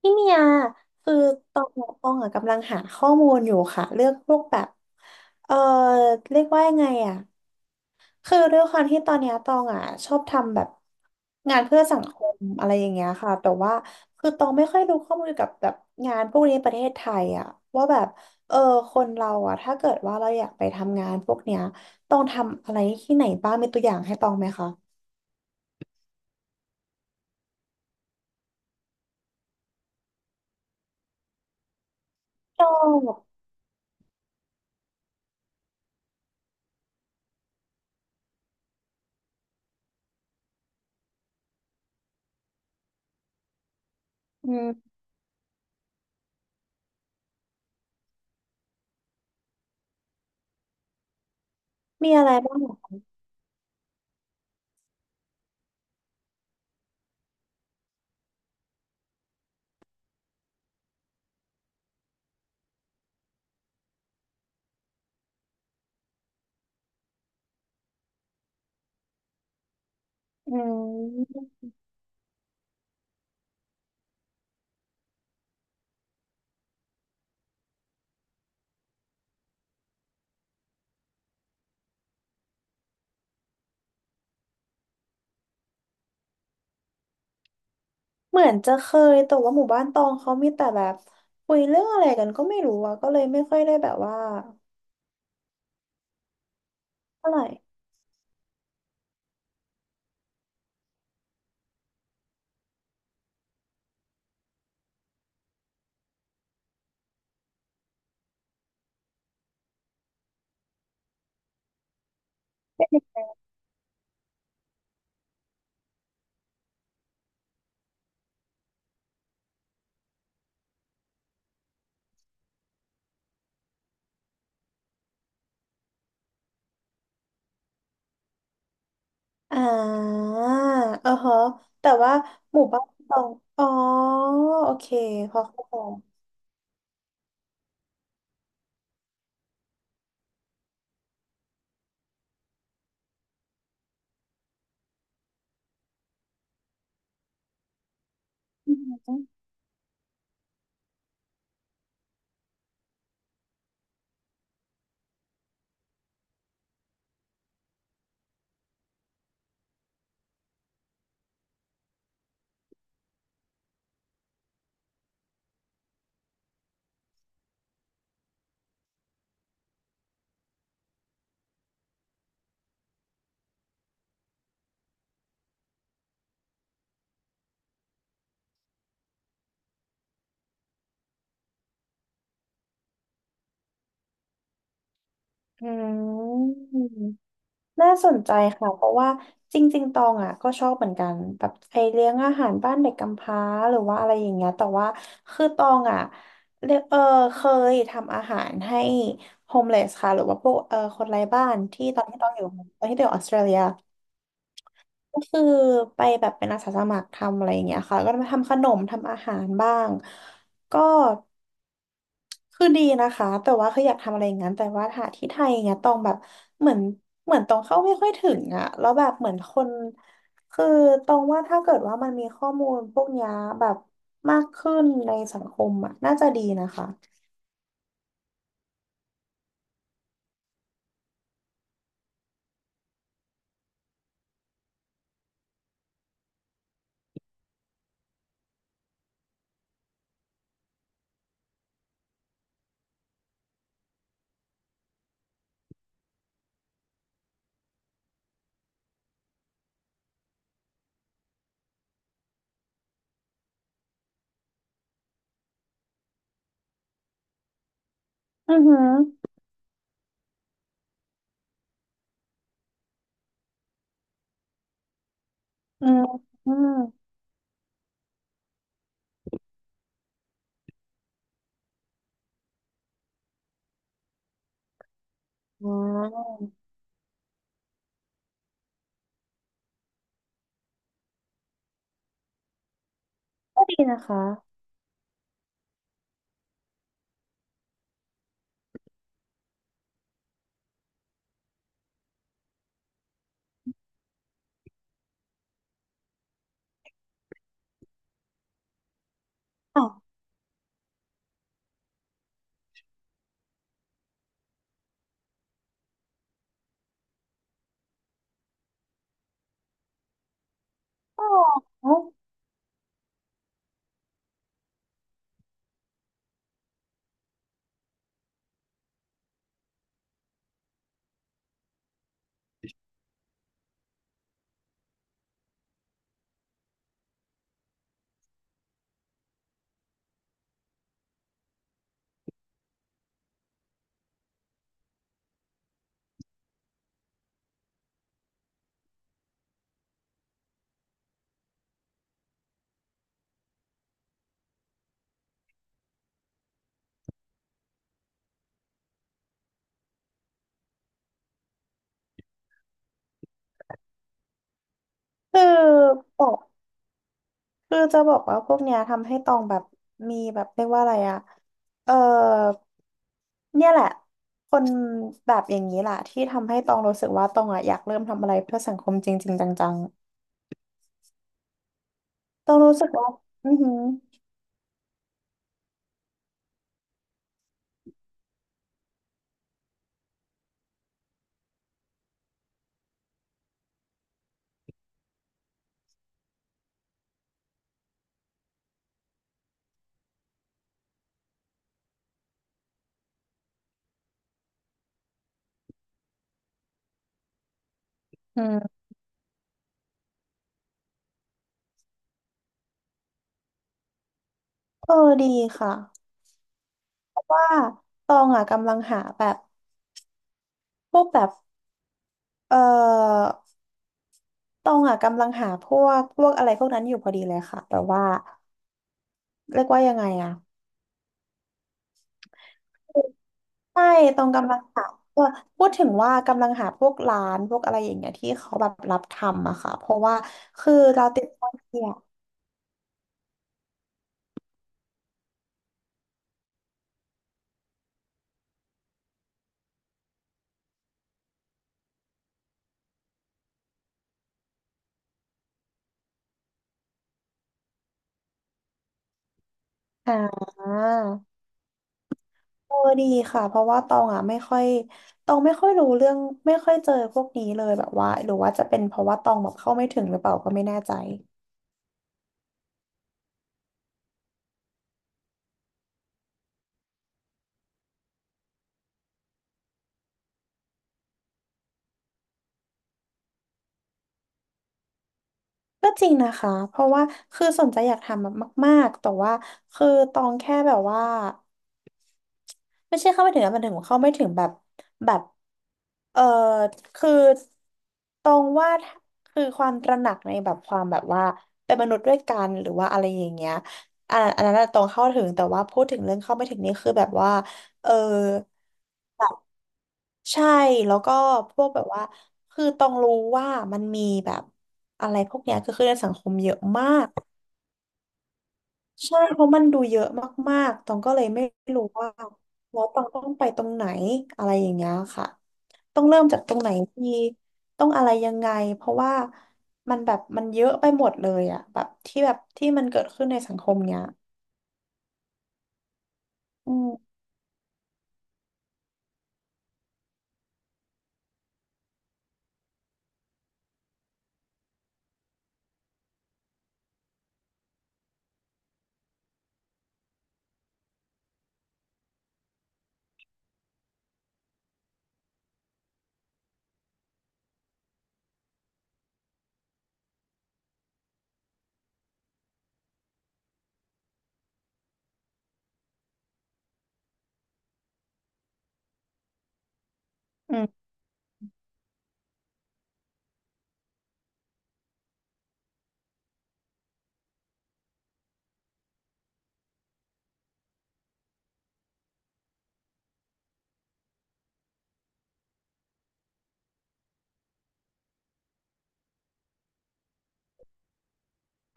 พี่เมียคือตองตองอะกำลังหาข้อมูลอยู่ค่ะเรื่องพวกแบบเออเรียกว่ายังไงอ่ะคือด้วยความที่ตอนเนี้ยตองอ่ะชอบทำแบบงานเพื่อสังคมอะไรอย่างเงี้ยค่ะแต่ว่าคือตองไม่ค่อยรู้ข้อมูลเกี่ยวกับแบบงานพวกนี้ในประเทศไทยอ่ะว่าแบบเออคนเราอ่ะถ้าเกิดว่าเราอยากไปทำงานพวกเนี้ยต้องทำอะไรที่ไหนบ้างมีตัวอย่างให้ตองไหมคะชอบอืมมีอะไรบ้างเหรออืม เหมือนจะเคยแต่ว่าหมู่บ้านตองเขามีแต่แบบคุยเรื่องอะไรกันก็ไม่รู้อะก็เลยไม่ค่อยได้แบบว่าเท่าไหร่อ่าเออฮะแต่ว่าหมู่บ้านตองอ๋อโอเคพอเข้าใจอืมอืม น่าสนใจค่ะเพราะว่าจริงๆ ตองอ่ะก็ชอบเหมือนกันแบบไอเลี้ยงอาหารบ้านเด็กกำพร้าหรือว่าอะไรอย่างเงี้ยแต่ว่าคือตองอ่ะเรียกเคยทำอาหารให้โฮมเลสค่ะหรือว่าพวกคนไร้บ้านที่ตอนที่ตองอยู่ตอนที่ตองอยู่ออสเตรเลียก็คือไปแบบเป็นอาสาสมัครทำอะไรอย่างเงี้ยค่ะก็มาทำขนมทำอาหารบ้างก็ คือดีนะคะแต่ว่าคืออยากทำอะไรอย่างนั้นแต่ว่าหาที่ไทยเนี้ยตองแบบเหมือนเหมือนตองเข้าไม่ค่อยถึงอะแล้วแบบเหมือนคนคือตองว่าถ้าเกิดว่ามันมีข้อมูลพวกเนี้ยแบบมากขึ้นในสังคมอะน่าจะดีนะคะอือหืออืมอืมว้าวก็ดีนะคะอ๋ออ๋อคือ คือจะบอกว่าพวกเนี้ยทำให้ตองแบบมีแบบเรียกว่าอะไรอะเออเนี่ยแหละคนแบบอย่างนี้แหละที่ทำให้ตองรู้สึกว่าตองอะอยากเริ่มทำอะไรเพื่อสังคมจริงๆจังๆตองรู้สึกว่าอือหืออืมเออดีค่ะเพราะว่าตองอ่ะกำลังหาแบบพวกแบบเออตองอ่ะกำลังหาพวกอะไรพวกนั้นอยู่พอดีเลยค่ะ แต่ว่าเรียกว่ายังไงอ่ะ ใช่ตรงกำลังหาว่พูดถึงว่ากำลังหาพวกร้านพวกอะไรอย่างเงี้ยที่เขาแบบรับทำอะค่ะเพราะว่าคือเราติดโซเชียลอ่าเออดีค่ะเพราะว่าตองอะไม่ค่อย ตองไม่ค่อยรู้เรื่องไม่ค่อยเจอพวกนี้เลยแบบว่าหรือว่าจะเป็นเพราะว่าตองแบบเข้าไม่ถึงหรือเปล่าก็ไม่แน่ใจก็จริงนะคะเพราะว่าคือสนใจอยากทำแบบมากๆแต่ว่าคือตองแค่แบบว่า ไม่ใช่เข้าไม่ถึงนะมันถึงเข้าไม่ถึงแบบแบบเออคือตรงว่าคือความตระหนักในแบบความแบบว่าเป็นมนุษย์ด้วยกันหรือว่าอะไรอย่างเงี้ยอันอันนั้นน่ะตรงเข้าถึงแต่ว่าพูดถึงเรื่องเข้าไม่ถึงนี่คือแบบว่าเออแบบใช่แล้วก็พวกแบบว่าคือต้องรู้ว่ามันมีแบบอะไรพวกเนี้ยคือในสังคมเยอะมาก ใช่เพราะมันดูเยอะมากๆตองก็เลยไม่รู้ว่าแล้วตองต้องไปตรงไหนอะไรอย่างเงี้ยค่ะต้องเริ่มจากตรงไหนดีต้องอะไรยังไงเพราะว่ามันแบบมันเยอะไปหมดเลยอะแบบที่แบบที่มันเกิดขึ้นในสังคมเนี้ยอืมอืม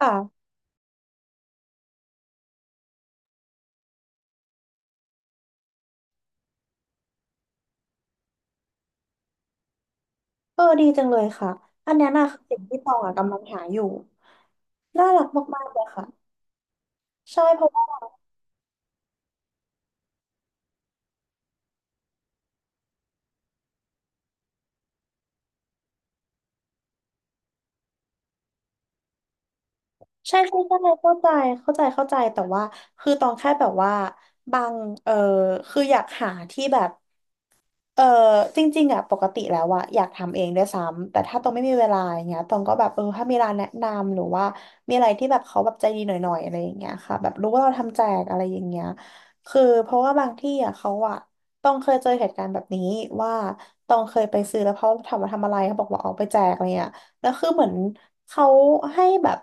ค่ะเออดีจังเลยค่ะอันเนี้ยน่ะคือสิ่งที่ตองอะกำลังหาอยู่น่ารักมากๆเลยค่ะใช่เพราะว่าใช่ใช่ใช่เข้าใจเข้าใจเข้าใจแต่ว่าคือตองแค่แบบว่าบางเออคืออยากหาที่แบบ เออจริงๆอ่ะปกติแล้วอ่ะอยากทำเองด้วยซ้ำแต่ถ้าตองไม่มีเวลาอย่างเงี้ยตองก็แบบถ้ามีร้านแนะนำหรือว่ามีอะไรที่แบบเขาแบบใจดีหน่อยๆอะไรอย่างเงี้ยค่ะแบบรู้ว่าเราทำแจกอะไรอย่างเงี้ยคือเพราะว่าบางที่อ่ะเขาอ่ะตองเคยเจอเหตุการณ์แบบนี้ว่าตองเคยไปซื้อแล้วเขาถามว่าทำอะไรเขาบอกว่าเอาไปแจกอะไรเงี้ยแล้วคือเหมือนเขาให้แบบ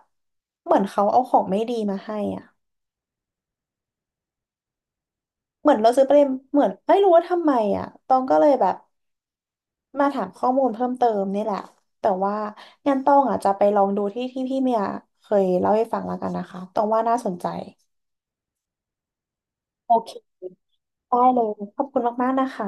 เหมือนเขาเอาของไม่ดีมาให้อ่ะเหมือนเราซื้อไปเลยเหมือนไม่รู้ว่าทำไมอ่ะตองก็เลยแบบ มาถามข้อมูลเพิ่มเติมนี่แหละแต่ว่างั้นต้องอ่ะจะไปลองดูที่ที่พี่เมียเคยเล่าให้ฟังแล้วกันนะคะต้องว่าน่าสนใจโอเคได้เลยขอบคุณมากๆนะคะ